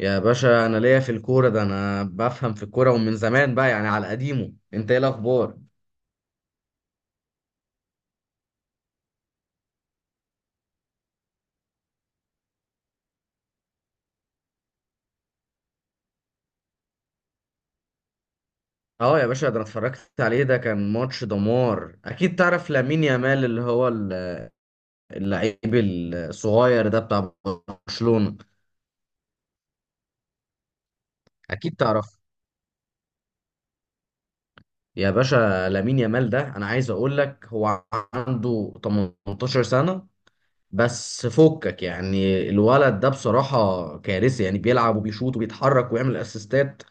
يا باشا انا ليا في الكوره، ده انا بفهم في الكوره ومن زمان بقى يعني على قديمه. انت ايه الاخبار؟ اه يا باشا، ده انا اتفرجت عليه. ده كان ماتش دمار. اكيد تعرف لامين يامال اللعيب الصغير ده بتاع برشلونه. اكيد تعرف يا باشا. لامين يامال ده انا عايز اقول لك هو عنده 18 سنه بس فكك. يعني الولد ده بصراحه كارثي، يعني بيلعب وبيشوط وبيتحرك ويعمل اسيستات.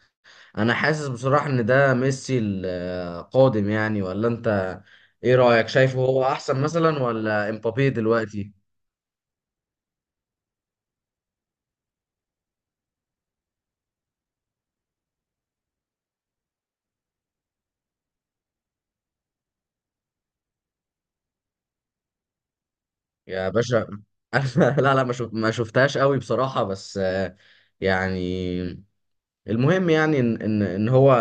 انا حاسس بصراحة ان ده ميسي القادم، يعني ولا انت؟ ايه رأيك، شايفه هو احسن مثلا ولا امبابي دلوقتي؟ يا باشا أنا لا لا ما شف- ما شفتهاش قوي بصراحة، بس آه، يعني المهم يعني ان هو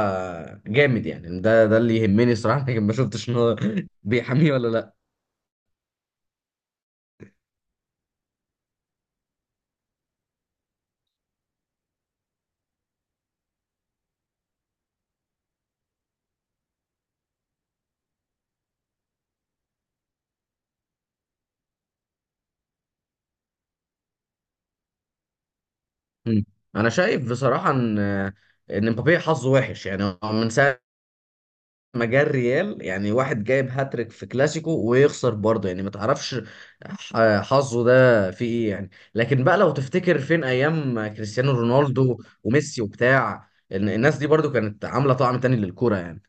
جامد، يعني إن ده اللي يهمني صراحة. لكن ما شفتش ان هو بيحميه ولا لا. مم. انا شايف بصراحة ان امبابي حظه وحش. يعني هو من ساعة مجال ريال، يعني واحد جايب هاتريك في كلاسيكو ويخسر برضه، يعني ما تعرفش حظه ده فيه ايه يعني. لكن بقى لو تفتكر فين ايام كريستيانو رونالدو وميسي وبتاع، إن الناس دي برضه كانت عاملة طعم تاني للكورة يعني.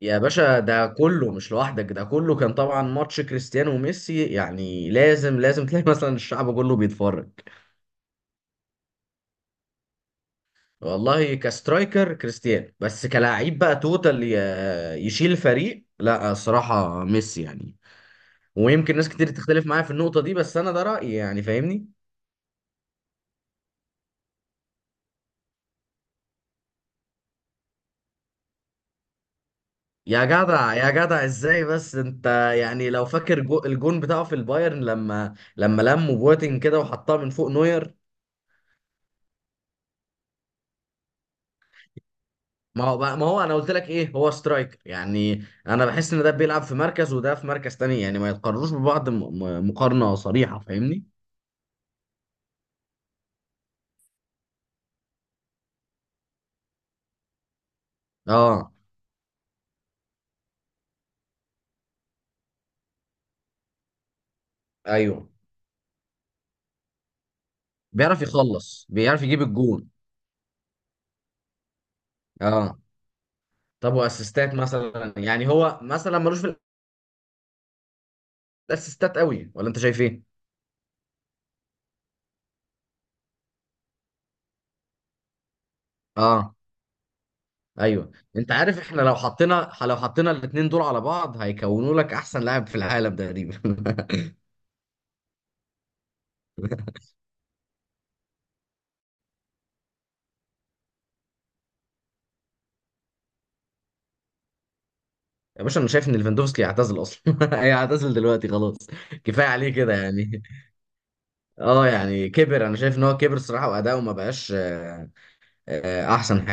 يا باشا ده كله مش لوحدك، ده كله كان طبعا ماتش كريستيانو وميسي، يعني لازم لازم تلاقي مثلا الشعب كله بيتفرج. والله كسترايكر كريستيانو، بس كلاعب بقى توتال يشيل فريق، لا الصراحة ميسي يعني. ويمكن ناس كتير تختلف معايا في النقطة دي، بس أنا ده رأيي يعني. فاهمني؟ يا جدع يا جدع ازاي بس انت؟ يعني لو فاكر جو الجون بتاعه في البايرن لما لموا بواتين كده وحطها من فوق نوير. ما هو انا قلت لك ايه، هو سترايكر. يعني انا بحس ان ده بيلعب في مركز وده في مركز تاني، يعني ما يتقارنوش ببعض مقارنة صريحة. فاهمني؟ اه. ايوه بيعرف يخلص، بيعرف يجيب الجون. اه. طب واسيستات مثلا، يعني هو مثلا ملوش في الاسيستات قوي، ولا انت شايف ايه؟ اه. ايوه انت عارف، احنا لو حطينا لو حطينا الاثنين دول على بعض هيكونوا لك احسن لاعب في العالم تقريبا. يا باشا انا شايف ان ليفاندوفسكي يعتزل اصلا. هيعتزل دلوقتي خلاص. كفايه عليه كده يعني. اه يعني كبر. انا شايف ان هو كبر الصراحه، واداؤه ما بقاش احسن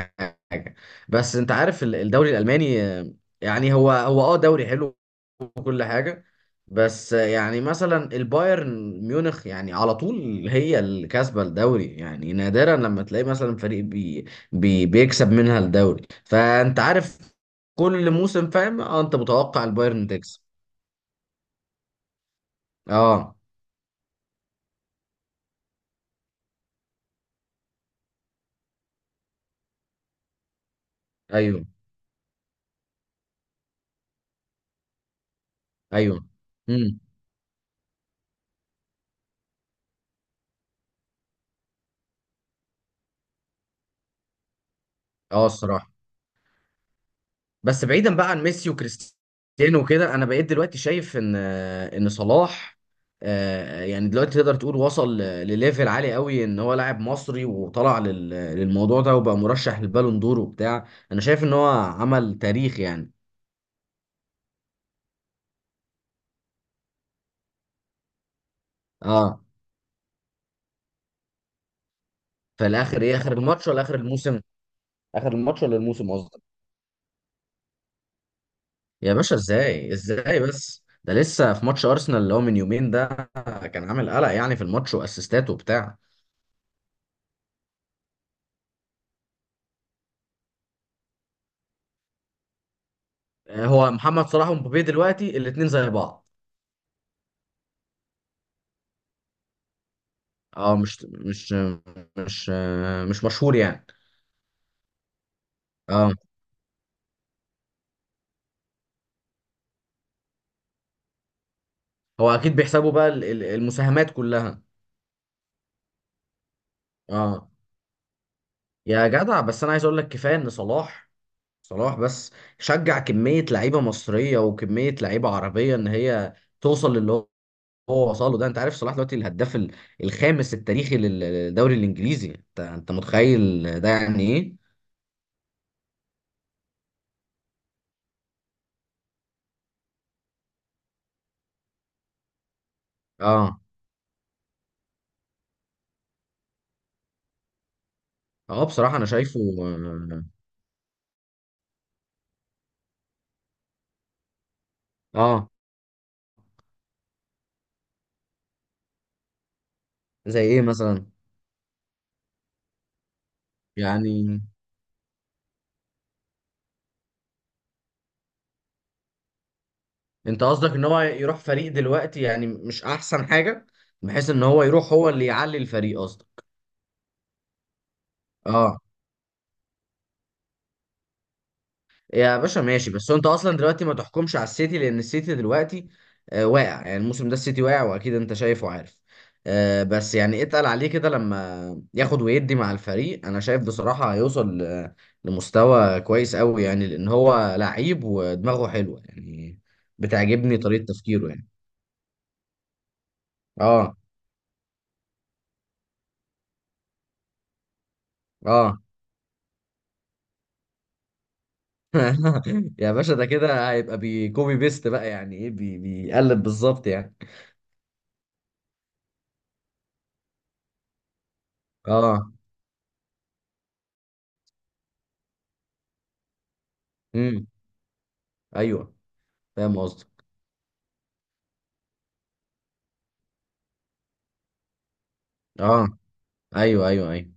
حاجه. بس انت عارف الدوري الالماني، يعني هو اه دوري حلو وكل حاجة. بس يعني مثلا البايرن ميونخ يعني على طول هي اللي كاسبة الدوري، يعني نادرا لما تلاقي مثلا فريق بي بيكسب منها الدوري، فأنت عارف كل موسم. فاهم؟ اه انت متوقع البايرن تكسب. اه ايوه ايوه. امم اه الصراحة. بس بعيدا بقى عن ميسي وكريستيانو وكده، انا بقيت دلوقتي شايف ان صلاح، آه، يعني دلوقتي تقدر تقول وصل لليفل عالي قوي، ان هو لاعب مصري وطلع للموضوع ده وبقى مرشح للبالون دور وبتاع. انا شايف ان هو عمل تاريخ يعني. اه. في الاخر ايه، اخر الماتش ولا اخر الموسم؟ اخر الماتش ولا الموسم قصدك؟ يا باشا ازاي ازاي، بس ده لسه في ماتش ارسنال اللي هو من يومين ده كان عامل قلق يعني في الماتش واسيستات وبتاع. آه، هو محمد صلاح ومبابي دلوقتي الاتنين زي بعض. اه مش مش مشهور يعني. اه، هو اكيد بيحسبوا بقى المساهمات كلها. اه. يا جدع بس انا عايز اقول لك كفايه ان صلاح بس شجع كميه لعيبه مصريه وكميه لعيبه عربيه ان هي توصل للي هو هو وصله ده. انت عارف صلاح دلوقتي الهداف الخامس التاريخي للدوري الانجليزي، انت انت متخيل ده يعني ايه؟ اه اه بصراحه انا شايفه. اه. آه، زي ايه مثلا؟ يعني انت قصدك ان هو يروح فريق دلوقتي يعني مش احسن حاجه، بحيث ان هو يروح هو اللي يعلي الفريق اصلا. اه. يا باشا ماشي، بس هو انت اصلا دلوقتي ما تحكمش على السيتي، لان السيتي دلوقتي آه واقع. يعني الموسم ده السيتي واقع، واكيد انت شايف وعارف. آه بس يعني اتقل عليه كده لما ياخد ويدي مع الفريق. انا شايف بصراحه هيوصل لمستوى كويس قوي، يعني لان هو لعيب ودماغه حلوه يعني. بتعجبني طريقه تفكيره يعني. اه. اه. يا باشا ده كده هيبقى بيكوبي بيست بقى، يعني ايه بيقلب بالظبط يعني. اه. امم. ايوه فاهم قصدك. اه ايوه ايوه ايوه.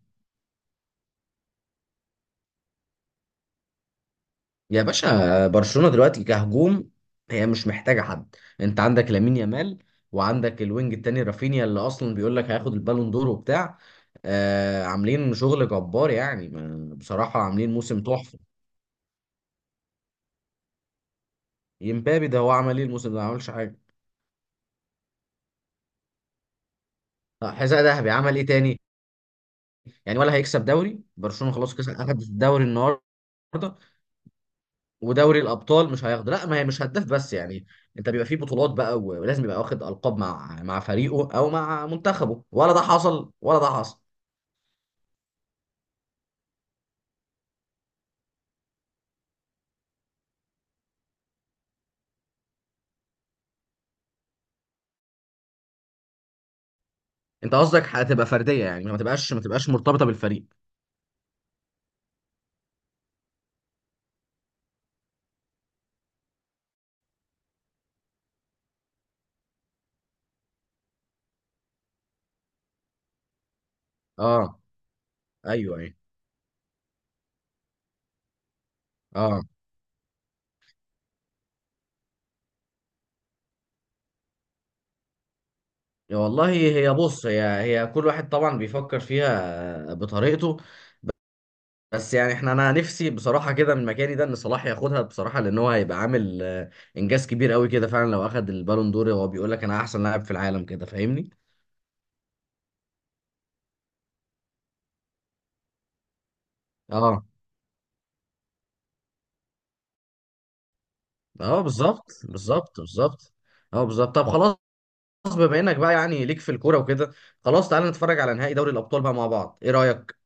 يا باشا برشلونة دلوقتي كهجوم، هي مش محتاجة حد. انت عندك لامين يامال، وعندك الوينج التاني رافينيا اللي اصلا بيقول لك هياخد البالون دور وبتاع. آه عاملين شغل جبار، يعني بصراحة عاملين موسم تحفة. يمبابي ده هو عمل ايه الموسم ده؟ ما عملش حاجة. آه، حذاء ذهبي عمل ايه تاني؟ يعني ولا هيكسب دوري؟ برشلونه خلاص كسب، اخد الدوري النهارده، ودوري الابطال مش هياخده؟ لا، ما هي مش هداف بس يعني. انت بيبقى فيه بطولات بقى ولازم يبقى واخد القاب مع مع فريقه او مع منتخبه، ولا ده حصل ولا ده حصل؟ انت قصدك هتبقى فرديه، يعني ما تبقاش مرتبطه بالفريق. اه ايوه ايوه. اه. يا والله، هي بص، هي كل واحد طبعا بيفكر فيها بطريقته. بس يعني احنا، انا نفسي بصراحه كده من مكاني ده، ان صلاح ياخدها بصراحه، لان هو هيبقى عامل آه، انجاز كبير قوي كده. فعلا لو اخد البالون دور، هو بيقول لك انا احسن لاعب في العالم كده. فاهمني؟ اه. اه بالظبط بالظبط بالظبط. اه بالظبط. طب خلاص، بما انك بقى يعني ليك في الكوره وكده، خلاص تعالى نتفرج على نهائي دوري الابطال بقى مع بعض، ايه رايك؟